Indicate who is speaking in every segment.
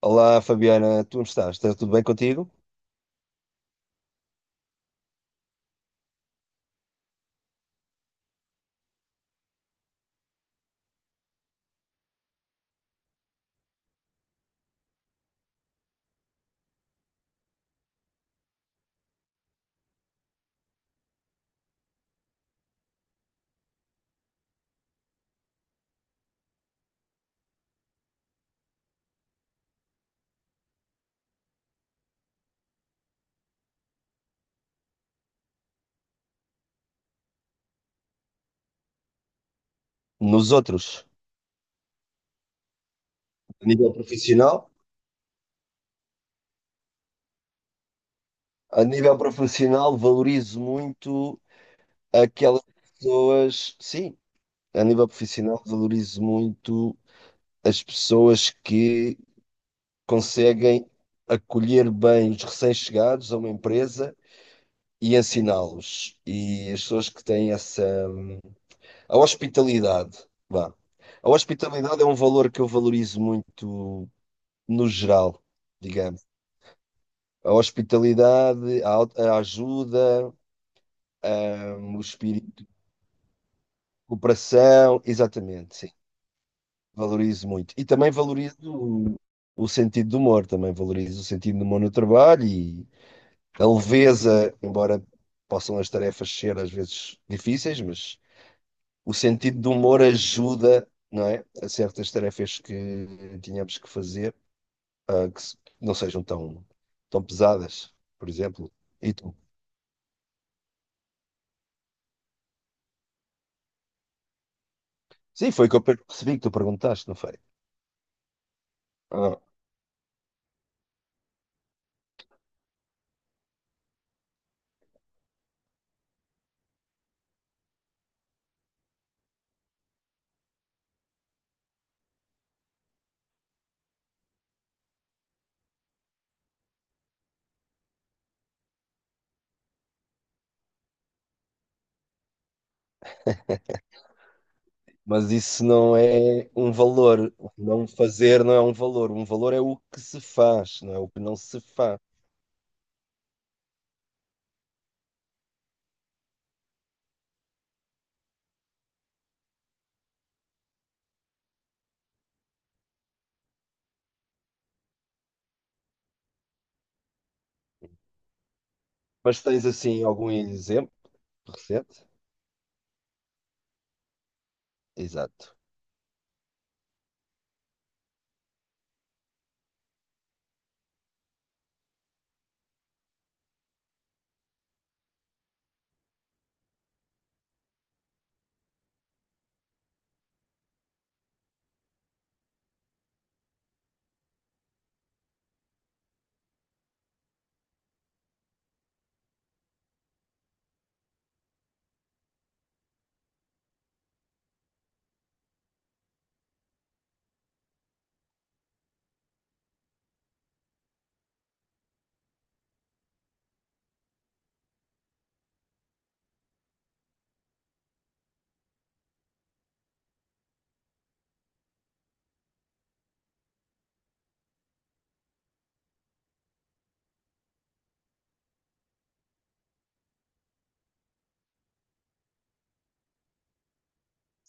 Speaker 1: Olá, Fabiana, tu estás? Está tudo bem contigo? Nos outros, a nível profissional, a nível profissional valorizo muito aquelas pessoas, sim, a nível profissional valorizo muito as pessoas que conseguem acolher bem os recém-chegados a uma empresa e ensiná-los. E as pessoas que têm essa a hospitalidade, vá. A hospitalidade é um valor que eu valorizo muito no geral, digamos. A hospitalidade, a ajuda, o espírito de cooperação, exatamente, sim. Valorizo muito. E também o sentido do humor, também valorizo o sentido do humor no trabalho e a leveza, embora possam as tarefas ser às vezes difíceis, mas o sentido do humor ajuda, não é, a certas tarefas que tínhamos que fazer, ah, que se- não sejam tão, tão pesadas, por exemplo. E tu? Sim, foi o que eu percebi que tu perguntaste, não foi? Ah. Mas isso não é um valor. Não fazer não é um valor. Um valor é o que se faz, não é o que não se faz. Mas tens assim algum exemplo recente? Exato.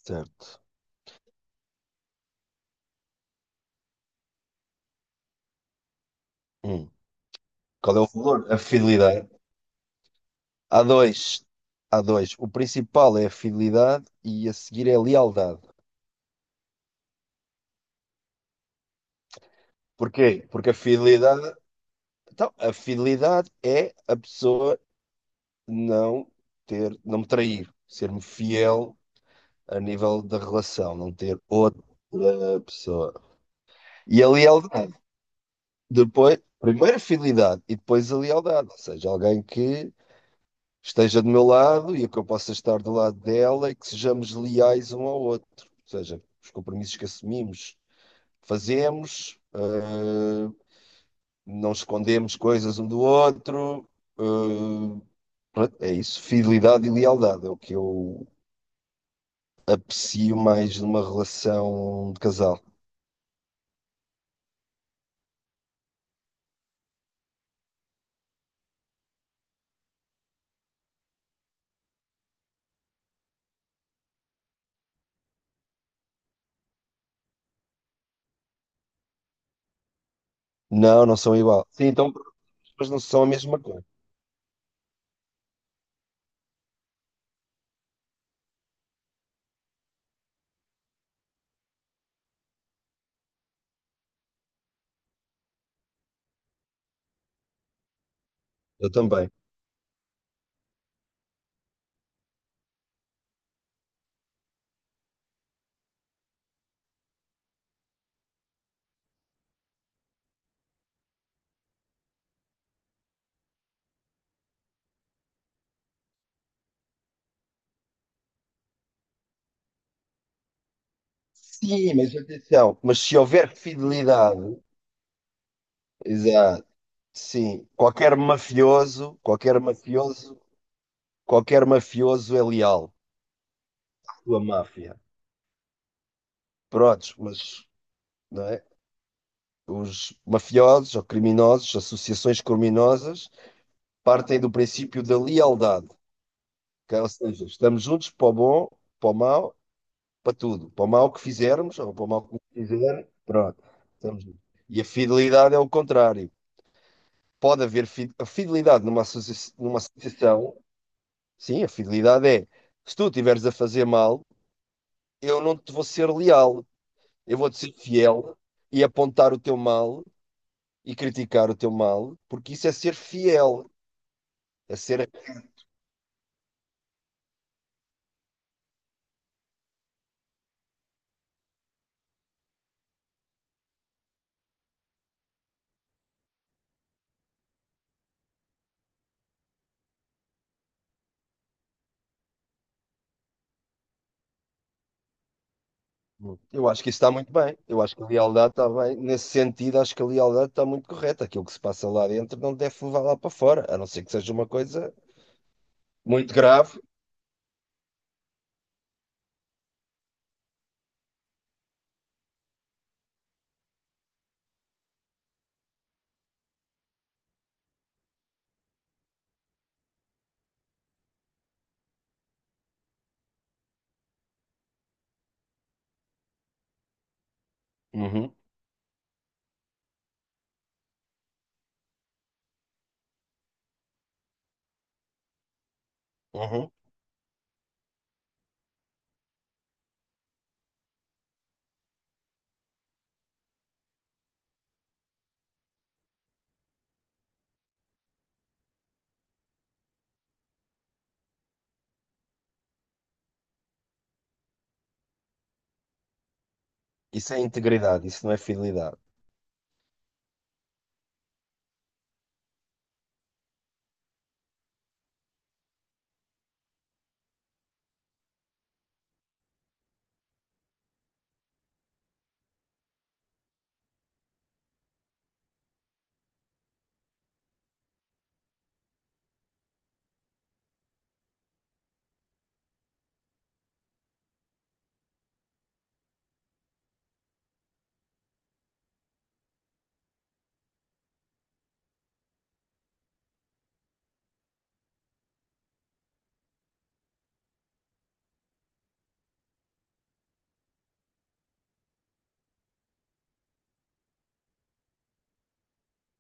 Speaker 1: Certo. Hum. Qual é o valor? A fidelidade. Há dois. Há dois. O principal é a fidelidade e a seguir é a lealdade. Porquê? Porque a fidelidade. Então, a fidelidade é a pessoa não ter, não me trair, ser-me fiel a nível da relação, não ter outra pessoa. E a lealdade. Depois, primeiro a fidelidade e depois a lealdade, ou seja, alguém que esteja do meu lado e que eu possa estar do lado dela e que sejamos leais um ao outro. Ou seja, os compromissos que assumimos, fazemos, não escondemos coisas um do outro. uh, É isso, fidelidade e lealdade é o que eu aprecio mais numa relação de casal. Não, não são igual. Sim, então, mas não são a mesma coisa. Eu também. Sim, mas atenção, mas se houver fidelidade, exato, sim, qualquer mafioso, qualquer mafioso é leal à sua máfia. Prontos, mas, não é? Os mafiosos ou criminosos, associações criminosas, partem do princípio da lealdade, que, ou seja, estamos juntos para o bom, para o mau, para tudo, para o mal que fizermos ou para o mal que nos fizer, pronto. Estamos... E a fidelidade é o contrário. Pode haver fi... associa... numa associação, sim, a fidelidade é se tu estiveres a fazer mal, eu não te vou ser leal, eu vou-te ser fiel e apontar o teu mal e criticar o teu mal, porque isso é ser fiel, é ser. Eu acho que isso está muito bem. Eu acho que a lealdade está bem. Nesse sentido, acho que a lealdade está muito correta. Aquilo que se passa lá dentro não deve levar lá para fora, a não ser que seja uma coisa muito grave. Uhum, uhum. Isso é integridade, isso não é fidelidade.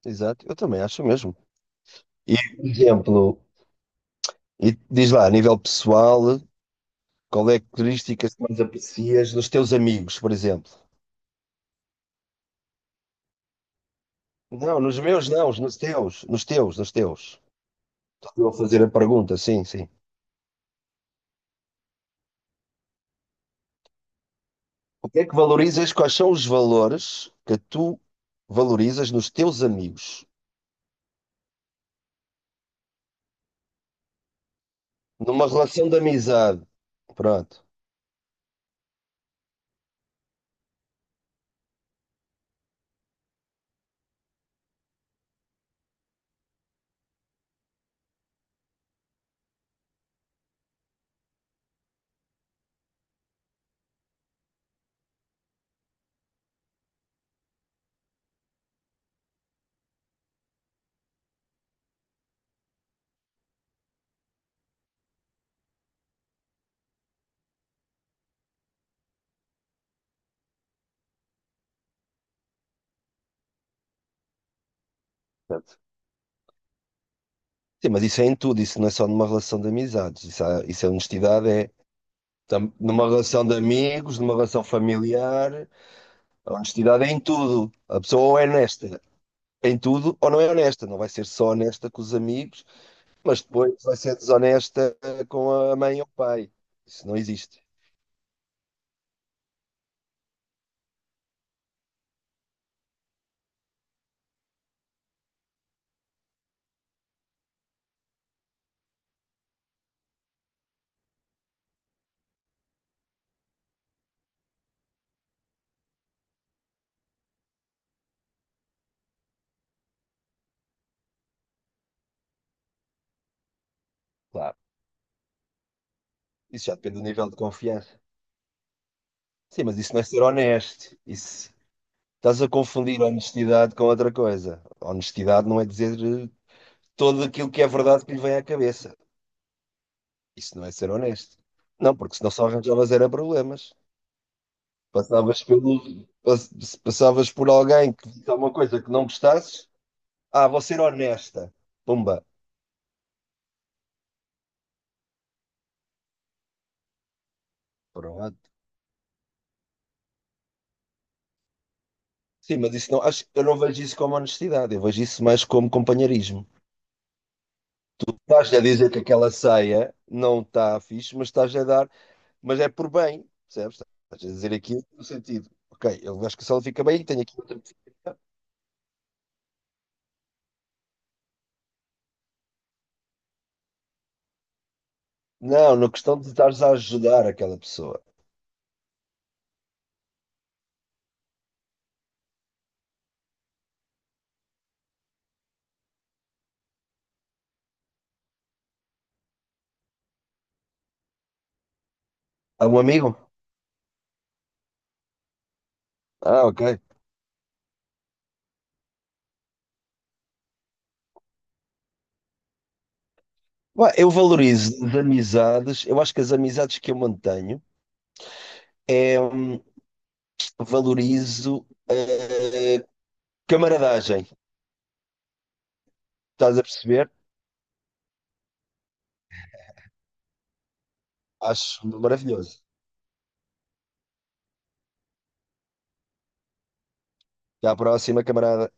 Speaker 1: Exato, eu também acho mesmo. E, por exemplo, e diz lá, a nível pessoal, qual é a característica que mais aprecias nos teus amigos, por exemplo? Não, nos meus não, nos teus, nos teus. Estou eu a fazer a pergunta, sim, sim. O que é que valorizas? Quais são os valores que tu valorizas nos teus amigos? Numa relação de amizade. Pronto. Certo. Sim, mas isso é em tudo, isso não é só numa relação de amizades. Isso é honestidade, é numa relação de amigos, numa relação familiar. A honestidade é em tudo. A pessoa ou é honesta em tudo ou não é honesta. Não vai ser só honesta com os amigos, mas depois vai ser desonesta com a mãe ou o pai. Isso não existe. Claro. Isso já depende do nível de confiança. Sim, mas isso não é ser honesto. Isso... Estás a confundir honestidade com outra coisa. Honestidade não é dizer tudo aquilo que é verdade que lhe vem à cabeça. Isso não é ser honesto. Não, porque senão só arranjavas era problemas. Passavas pelo, pass- Passavas por alguém que disse alguma coisa que não gostasses. Ah, vou ser honesta. Pumba. Pronto. Sim, mas isso não, acho, eu não vejo isso como honestidade. Eu vejo isso mais como companheirismo. Estás a dizer que aquela ceia não está fixe, mas estás a dar, mas é por bem, percebes? Estás a dizer aqui no sentido, ok, eu acho que se ela fica bem, tenho aqui outra pessoa. Não, na questão de estares a ajudar aquela pessoa. A um amigo? Ah, ok. Bom, eu valorizo as amizades, eu acho que as amizades que eu mantenho é valorizo camaradagem. Estás a perceber? Acho maravilhoso. Até à próxima, camarada.